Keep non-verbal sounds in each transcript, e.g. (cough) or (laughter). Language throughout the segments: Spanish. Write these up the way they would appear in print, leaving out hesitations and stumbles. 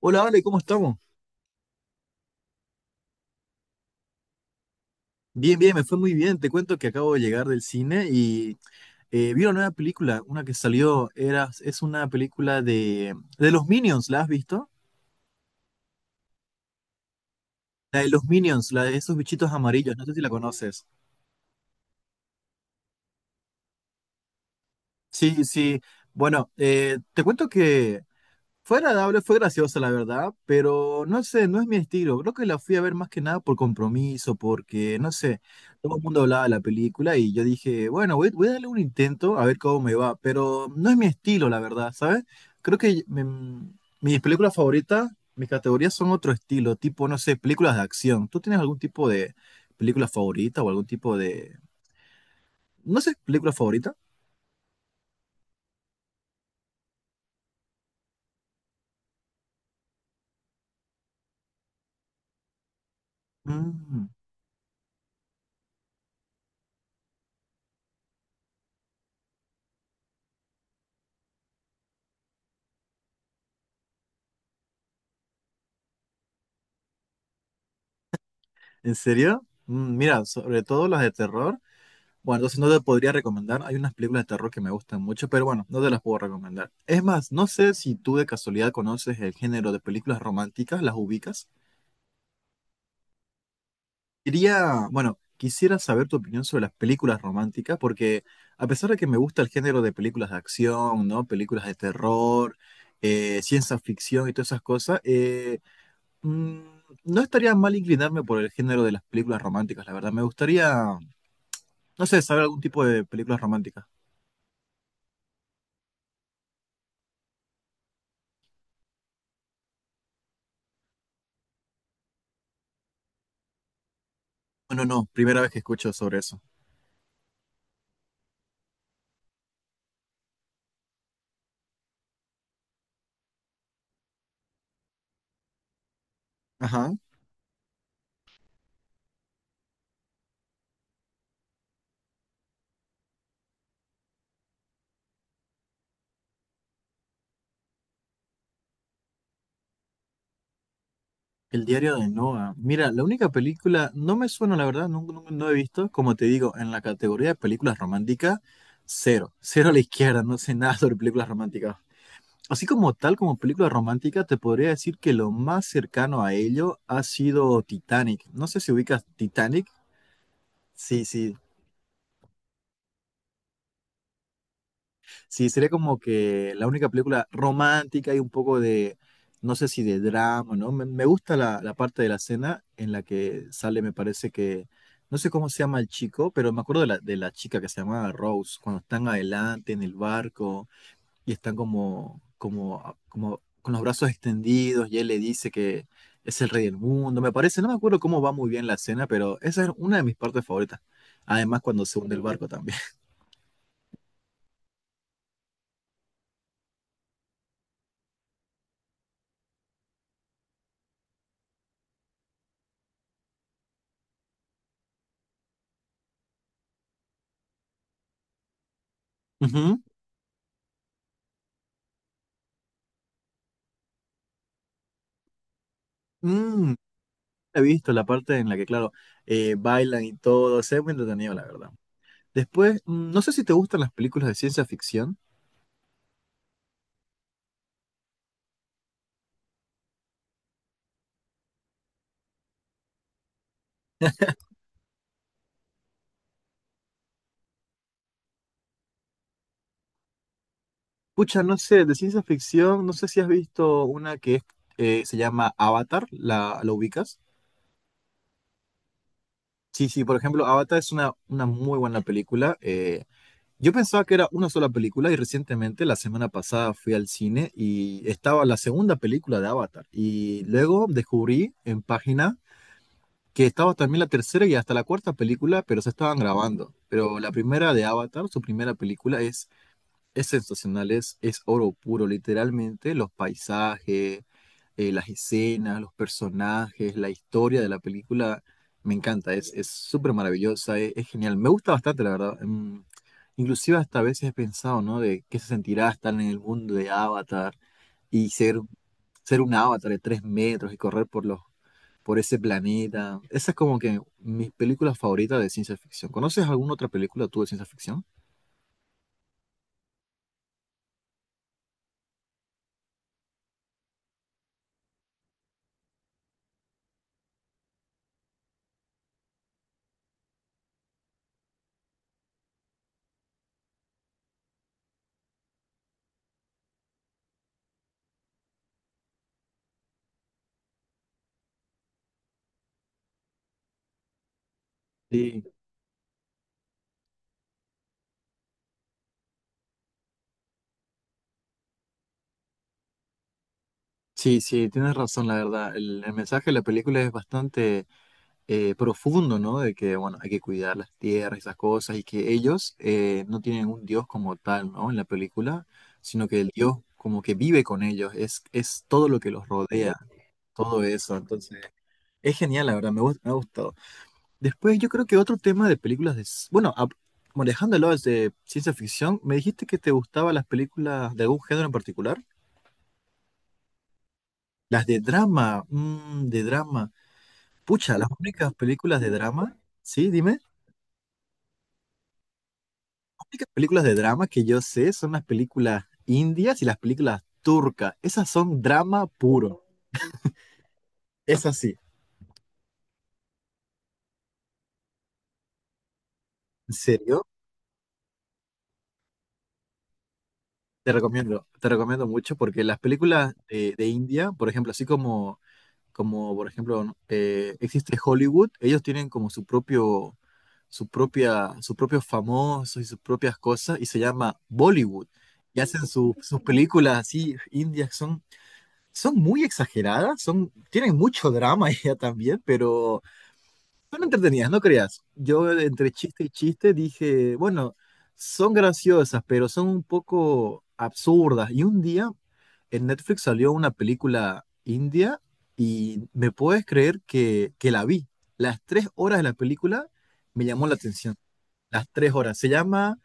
Hola, Ale, ¿cómo estamos? Bien, me fue muy bien. Te cuento que acabo de llegar del cine y vi una nueva película, una que salió, es una película de los Minions, ¿la has visto? La de los Minions, la de esos bichitos amarillos, no sé si la conoces. Sí, sí. Bueno, te cuento que fue agradable, fue graciosa, la verdad, pero no sé, no es mi estilo. Creo que la fui a ver más que nada por compromiso, porque, no sé, todo el mundo hablaba de la película y yo dije, bueno, voy a darle un intento a ver cómo me va, pero no es mi estilo, la verdad, ¿sabes? Creo que mis películas favoritas, mis categorías son otro estilo, tipo, no sé, películas de acción. ¿Tú tienes algún tipo de película favorita o algún tipo de, no sé, película favorita? Mm, ¿en serio? Mm, mira, sobre todo las de terror. Bueno, entonces no te podría recomendar. Hay unas películas de terror que me gustan mucho, pero bueno, no te las puedo recomendar. Es más, no sé si tú de casualidad conoces el género de películas románticas, las ubicas. Quería, bueno, quisiera saber tu opinión sobre las películas románticas, porque a pesar de que me gusta el género de películas de acción, ¿no? Películas de terror, ciencia ficción y todas esas cosas, mm, no estaría mal inclinarme por el género de las películas románticas, la verdad. Me gustaría, no sé, saber algún tipo de películas románticas. Bueno, no, primera vez que escucho sobre eso. Ajá. El diario de Noah. Mira, la única película, no me suena, la verdad, no he visto, como te digo, en la categoría de películas románticas, cero, cero a la izquierda, no sé nada sobre películas románticas. Así como tal, como película romántica, te podría decir que lo más cercano a ello ha sido Titanic. No sé si ubicas Titanic. Sí, sí, sí, sería como que la única película romántica y un poco de, no sé si de drama, ¿no? Me gusta la parte de la cena en la que sale, me parece que, no sé cómo se llama el chico, pero me acuerdo de de la chica que se llamaba Rose, cuando están adelante en el barco y están como con los brazos extendidos y él le dice que es el rey del mundo, me parece, no me acuerdo cómo va muy bien la cena, pero esa es una de mis partes favoritas. Además, cuando se hunde el barco también. Ujú. (laughs) Mm, he visto la parte en la que, claro, bailan y todo. Se ve muy entretenido, la verdad. Después, mm, no sé si te gustan las películas de ciencia ficción. Pucha, no sé, de ciencia ficción, no sé si has visto una que es, se llama Avatar, ¿la, la ubicas? Sí, sí, por ejemplo, Avatar es una muy buena película. Yo pensaba que era una sola película y recientemente, la semana pasada, fui al cine y estaba la segunda película de Avatar. Y luego descubrí en páginas que estaba también la tercera y hasta la cuarta película, pero se estaban grabando. Pero la primera de Avatar, su primera película, es sensacional, es oro puro, literalmente, los paisajes, las escenas, los personajes, la historia de la película, me encanta, es súper maravillosa, es genial, me gusta bastante, la verdad. Mm, inclusive hasta a veces he pensado, ¿no? De qué se sentirá estar en el mundo de Avatar y ser, ser un avatar de 3 metros y correr por los por ese planeta. Esa es como que mis películas favoritas de ciencia ficción. ¿Conoces alguna otra película tú de ciencia ficción? Sí, sí, sí, tienes razón, la verdad. El mensaje de la película es bastante profundo, ¿no? De que, bueno, hay que cuidar las tierras, esas cosas, y que ellos no tienen un dios como tal, ¿no? En la película, sino que el dios como que vive con ellos, es todo lo que los rodea, todo eso. Entonces, es genial, la verdad, me, gust- me ha gustado. Después yo creo que otro tema de películas de... s- bueno, a- bueno, dejándolo de ciencia ficción, me dijiste que te gustaban las películas de algún género en particular. Las de drama, mm, de drama. Pucha, las únicas películas de drama, sí, dime. Las únicas películas de drama que yo sé son las películas indias y las películas turcas. Esas son drama puro. Es así. ¿En serio? Te recomiendo mucho porque las películas de India, por ejemplo, así como como por ejemplo, ¿no? Existe Hollywood, ellos tienen como su propio, su propia, sus propios famosos y sus propias cosas, y se llama Bollywood. Y hacen su- sus películas así, indias, son muy exageradas, son, tienen mucho drama (laughs) ya también, pero son entretenidas, no creas. Yo entre chiste y chiste dije, bueno, son graciosas, pero son un poco absurdas. Y un día en Netflix salió una película india y me puedes creer que la vi. Las 3 horas de la película me llamó la atención. Las tres horas. Se llama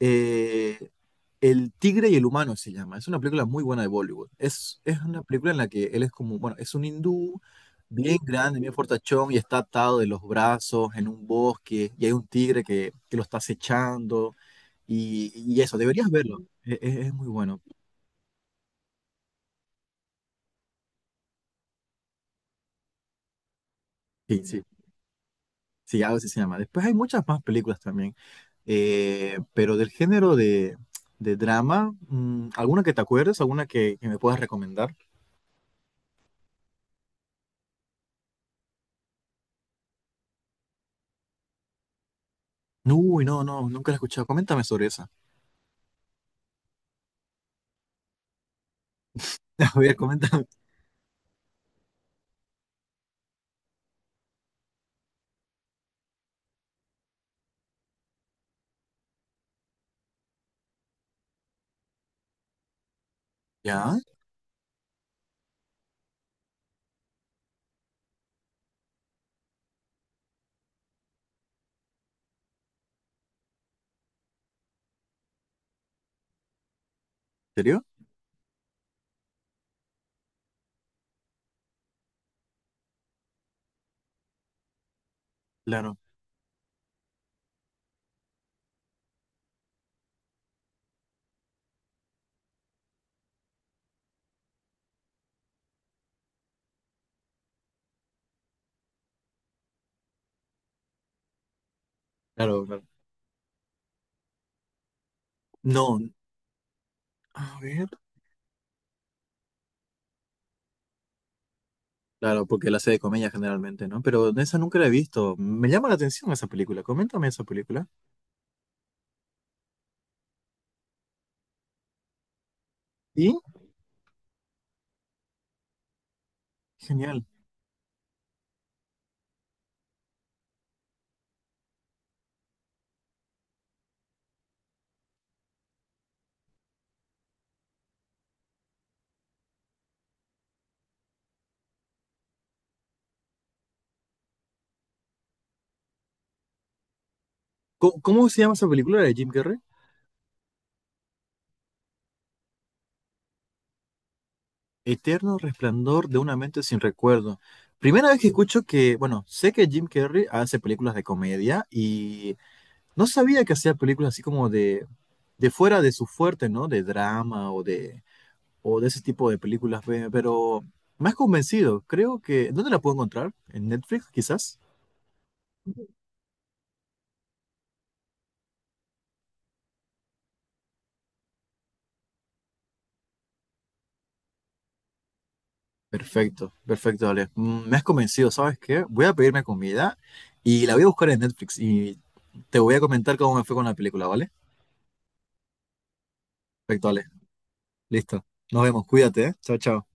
eh, El tigre y el humano, se llama. Es una película muy buena de Bollywood. Es una película en la que él es como, bueno, es un hindú bien grande, bien fortachón y está atado de los brazos en un bosque y hay un tigre que lo está acechando y eso, deberías verlo. E- e- es, muy bueno. Sí, sí, sí, algo así se llama. Después hay muchas más películas también, pero del género de drama, mm, ¿alguna que te acuerdes? ¿Alguna que me puedas recomendar? Uy, nunca la he escuchado. Coméntame sobre esa. (laughs) A ver, coméntame. ¿Ya? ¿En serio? Claro. Claro, claro. No, a ver. Claro, porque la sé de comedia generalmente, ¿no? Pero de esa nunca la he visto. Me llama la atención esa película. Coméntame esa película. ¿Y? Genial. ¿Cómo, cómo se llama esa película de Jim Carrey? Eterno resplandor de una mente sin recuerdo. Primera vez que escucho que, bueno, sé que Jim Carrey hace películas de comedia y no sabía que hacía películas así como de fuera de su fuerte, ¿no? De drama o de ese tipo de películas, pe- pero me has convencido. Creo que... ¿Dónde la puedo encontrar? ¿En Netflix, quizás? Perfecto, perfecto, Ale. Mm, me has convencido, ¿sabes qué? Voy a pedirme comida y la voy a buscar en Netflix y te voy a comentar cómo me fue con la película, ¿vale? Perfecto, Ale. Listo. Nos vemos. Cuídate, ¿eh? Chao, chao.